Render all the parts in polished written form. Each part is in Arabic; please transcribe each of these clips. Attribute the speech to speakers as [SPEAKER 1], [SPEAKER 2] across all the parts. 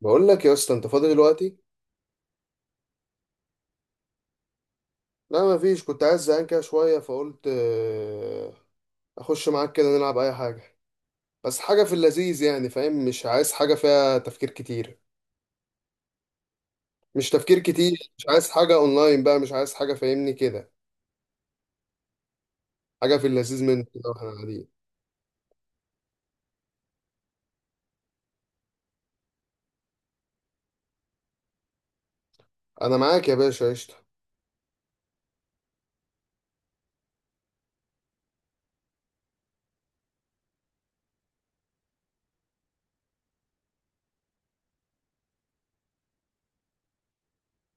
[SPEAKER 1] بقول لك يا اسطى انت فاضي دلوقتي؟ لا ما فيش، كنت عايز زهقان كده شويه فقلت اخش معاك كده نلعب اي حاجه، بس حاجه في اللذيذ يعني، فاهم؟ مش عايز حاجه فيها تفكير كتير، مش تفكير كتير، مش عايز حاجه اونلاين بقى، مش عايز حاجه، فاهمني كده؟ حاجه في اللذيذ من كده واحنا قاعدين. انا معاك يا باشا، قشطه.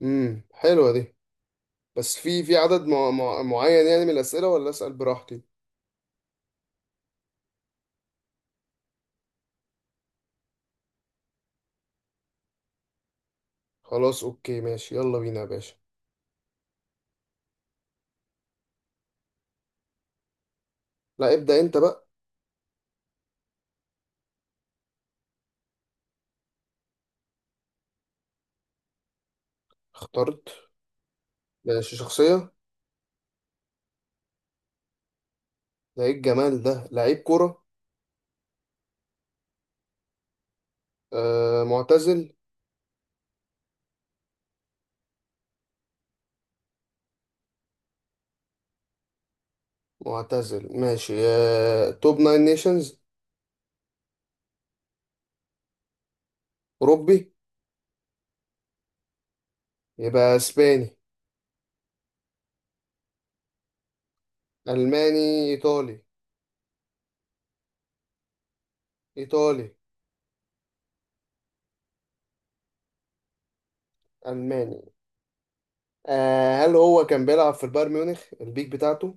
[SPEAKER 1] حلوه دي. بس في عدد معين يعني من الاسئله، ولا اسال براحتي؟ خلاص اوكي، ماشي، يلا بينا يا باشا. لا ابدا انت بقى. اخترت؟ ماشي، شخصيه. ده ايه الجمال ده، لعيب كرة. آه معتزل. معتزل ماشي. آه، توب ناين نيشنز. أوروبي. يبقى اسباني. ألماني إيطالي. إيطالي. ألماني. آه، هل هو كان بيلعب في البايرن ميونخ البيك بتاعته؟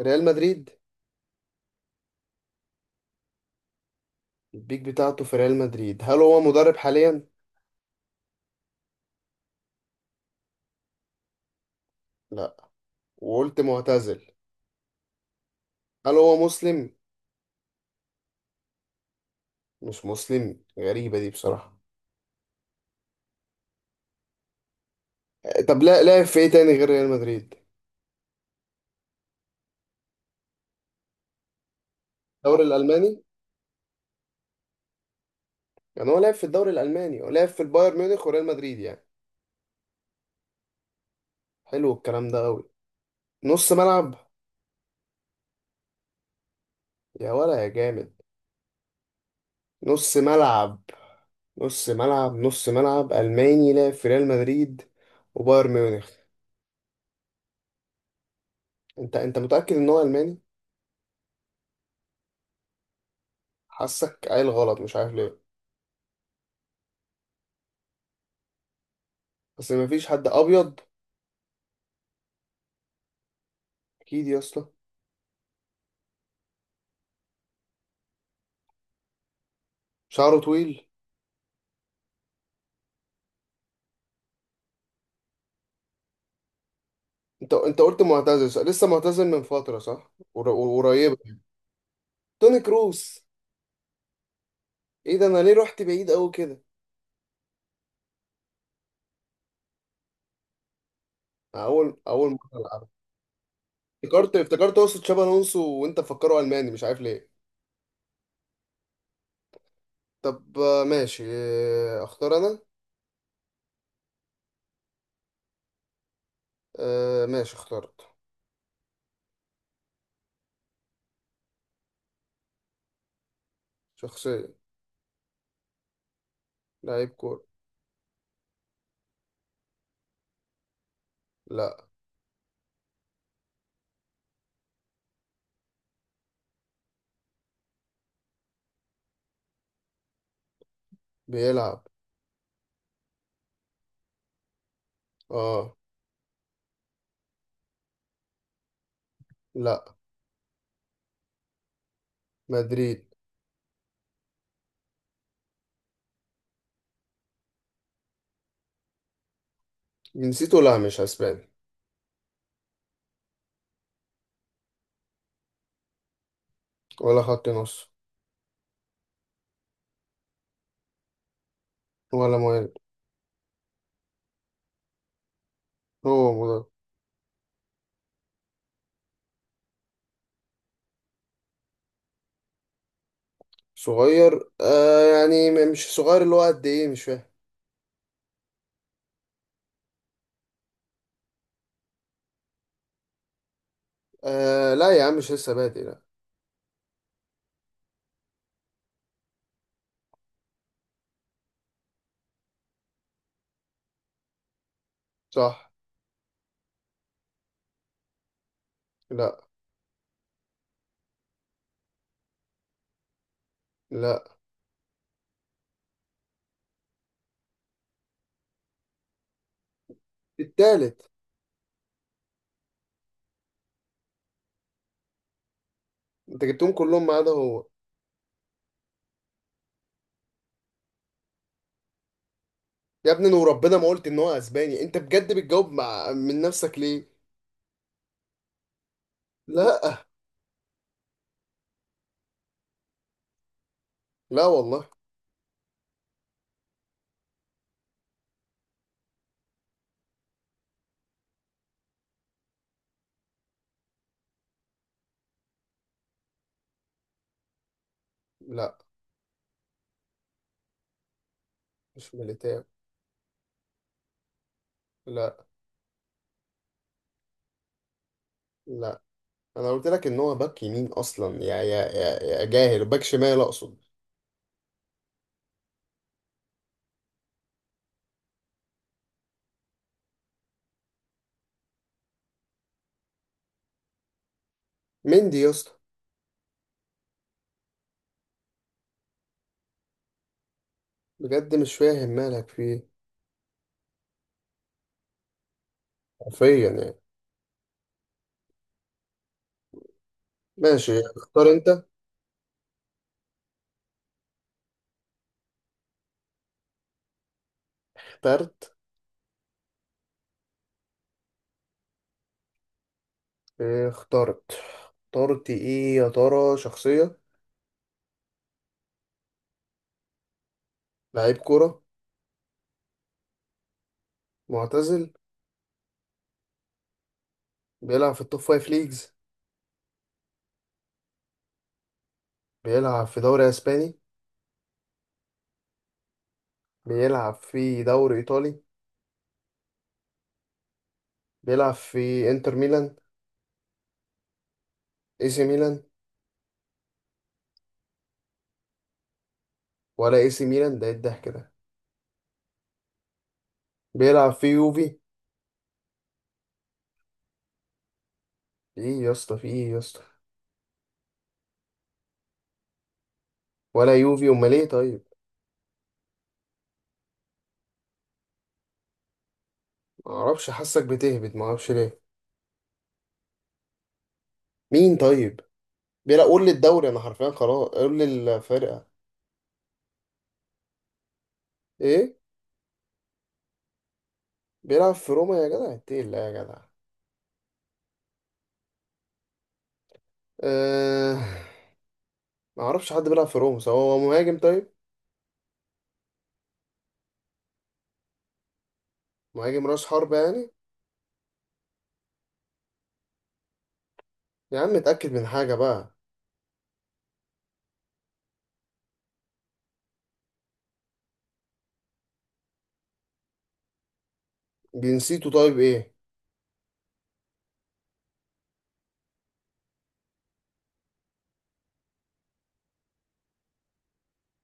[SPEAKER 1] ريال مدريد. البيك بتاعته في ريال مدريد. هل هو مدرب حاليا؟ لا. وقلت معتزل. هل هو مسلم؟ مش مسلم، غريبة دي بصراحة. طب لا، لعب في ايه تاني غير ريال مدريد؟ الدوري الألماني. يعني هو لعب في الدوري الألماني، ولعب في البايرن ميونخ وريال مدريد يعني. حلو الكلام ده قوي. نص ملعب. يا ولا يا جامد. نص ملعب. نص ملعب، نص ملعب ألماني لعب في ريال مدريد وبايرن ميونخ. انت متأكد ان هو ألماني؟ حاسك قايل غلط، مش عارف ليه. بس مفيش حد أبيض. أكيد يا اسطى. شعره طويل. انت قلت معتزل صح؟ لسه معتزل من فترة صح؟ قريبة. توني كروس. ايه ده، انا ليه رحت بعيد قوي كده. اول مرة. افتكرت اقصد شابي الونسو، وانت مفكره الماني، مش عارف ليه. طب ماشي. اختار انا. ماشي، اخترت. شخصية. لعيب كورة. لا. بيلعب. اه. لا. مدريد. جنسيته لا مش اسباني. ولا خط نص. ولا مهاجم. هو مدرب. صغير؟ آه يعني مش صغير، اللي هو قد ايه؟ مش فاهم. آه لا يا عم، مش لسه بادئ لا. صح. لا. لا. التالت. انت جبتهم كلهم ما عدا هو. يا ابني، انا وربنا ما قلت ان هو اسباني، انت بجد بتجاوب مع من نفسك ليه؟ لا. لا والله. لا مش ميليتاو. لا. لا. انا قلت لك ان هو باك يمين اصلا، يا جاهل، باك شمال اقصد. مندي يا اسطى. بجد مش فاهم مالك فيه. حرفيا يعني. ماشي، اختار انت. اخترت؟ إيه، اخترت. اخترت ايه يا ترى، شخصية؟ لعيب كرة. معتزل. بيلعب في التوب فايف ليجز. بيلعب في دوري اسباني. بيلعب في دوري ايطالي. بيلعب في انتر ميلان. اي سي ميلان. ولا اي سي ميلان، ده إيه الضحك ده. بيلعب في يوفي. ايه يا اسطى، في ايه يا اسطى؟ ولا يوفي، امال ايه طيب؟ ما اعرفش، حاسك بتهبد، ما اعرفش ليه. مين طيب؟ بيلعب، قول لي الدوري، انا حرفيا خلاص قول لي الفرقه. ايه؟ بيلعب في روما، يا جدع إنت ايه، لا يا جدع. أه... ما اعرفش حد بيلعب في روما. سواء هو مهاجم طيب؟ مهاجم راس حربة يعني. يا عم اتاكد من حاجه بقى. جنسيته طيب ايه؟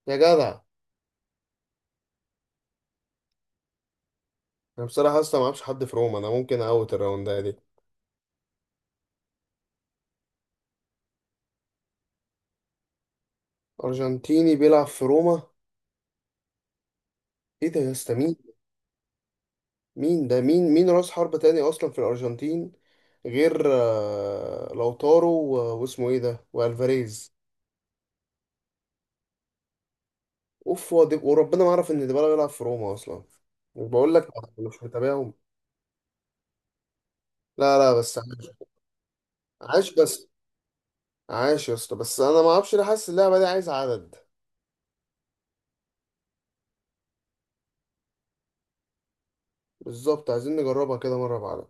[SPEAKER 1] يا جدع، انا بصراحه اصلا ما اعرفش حد في روما، انا ممكن اوت الراوند ده. أرجنتيني بيلعب في روما. إيه ده يا اسطى، مين؟ مين ده؟ مين مين رأس حربة تاني أصلا في الأرجنتين غير لوتارو واسمه إيه ده، وألفاريز. أوف، هو وربنا ما أعرف إن ديبالا بيلعب في روما أصلا. مش بقول لك أنا مش متابعهم. لا لا بس عاش. عاش بس. عاش يا اسطى، بس أنا ما أعرفش ليه حاسس اللعبة دي عايز عدد. بالظبط، عايزين نجربها كده مرة بعدد.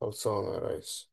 [SPEAKER 1] خلصانة يا ريس.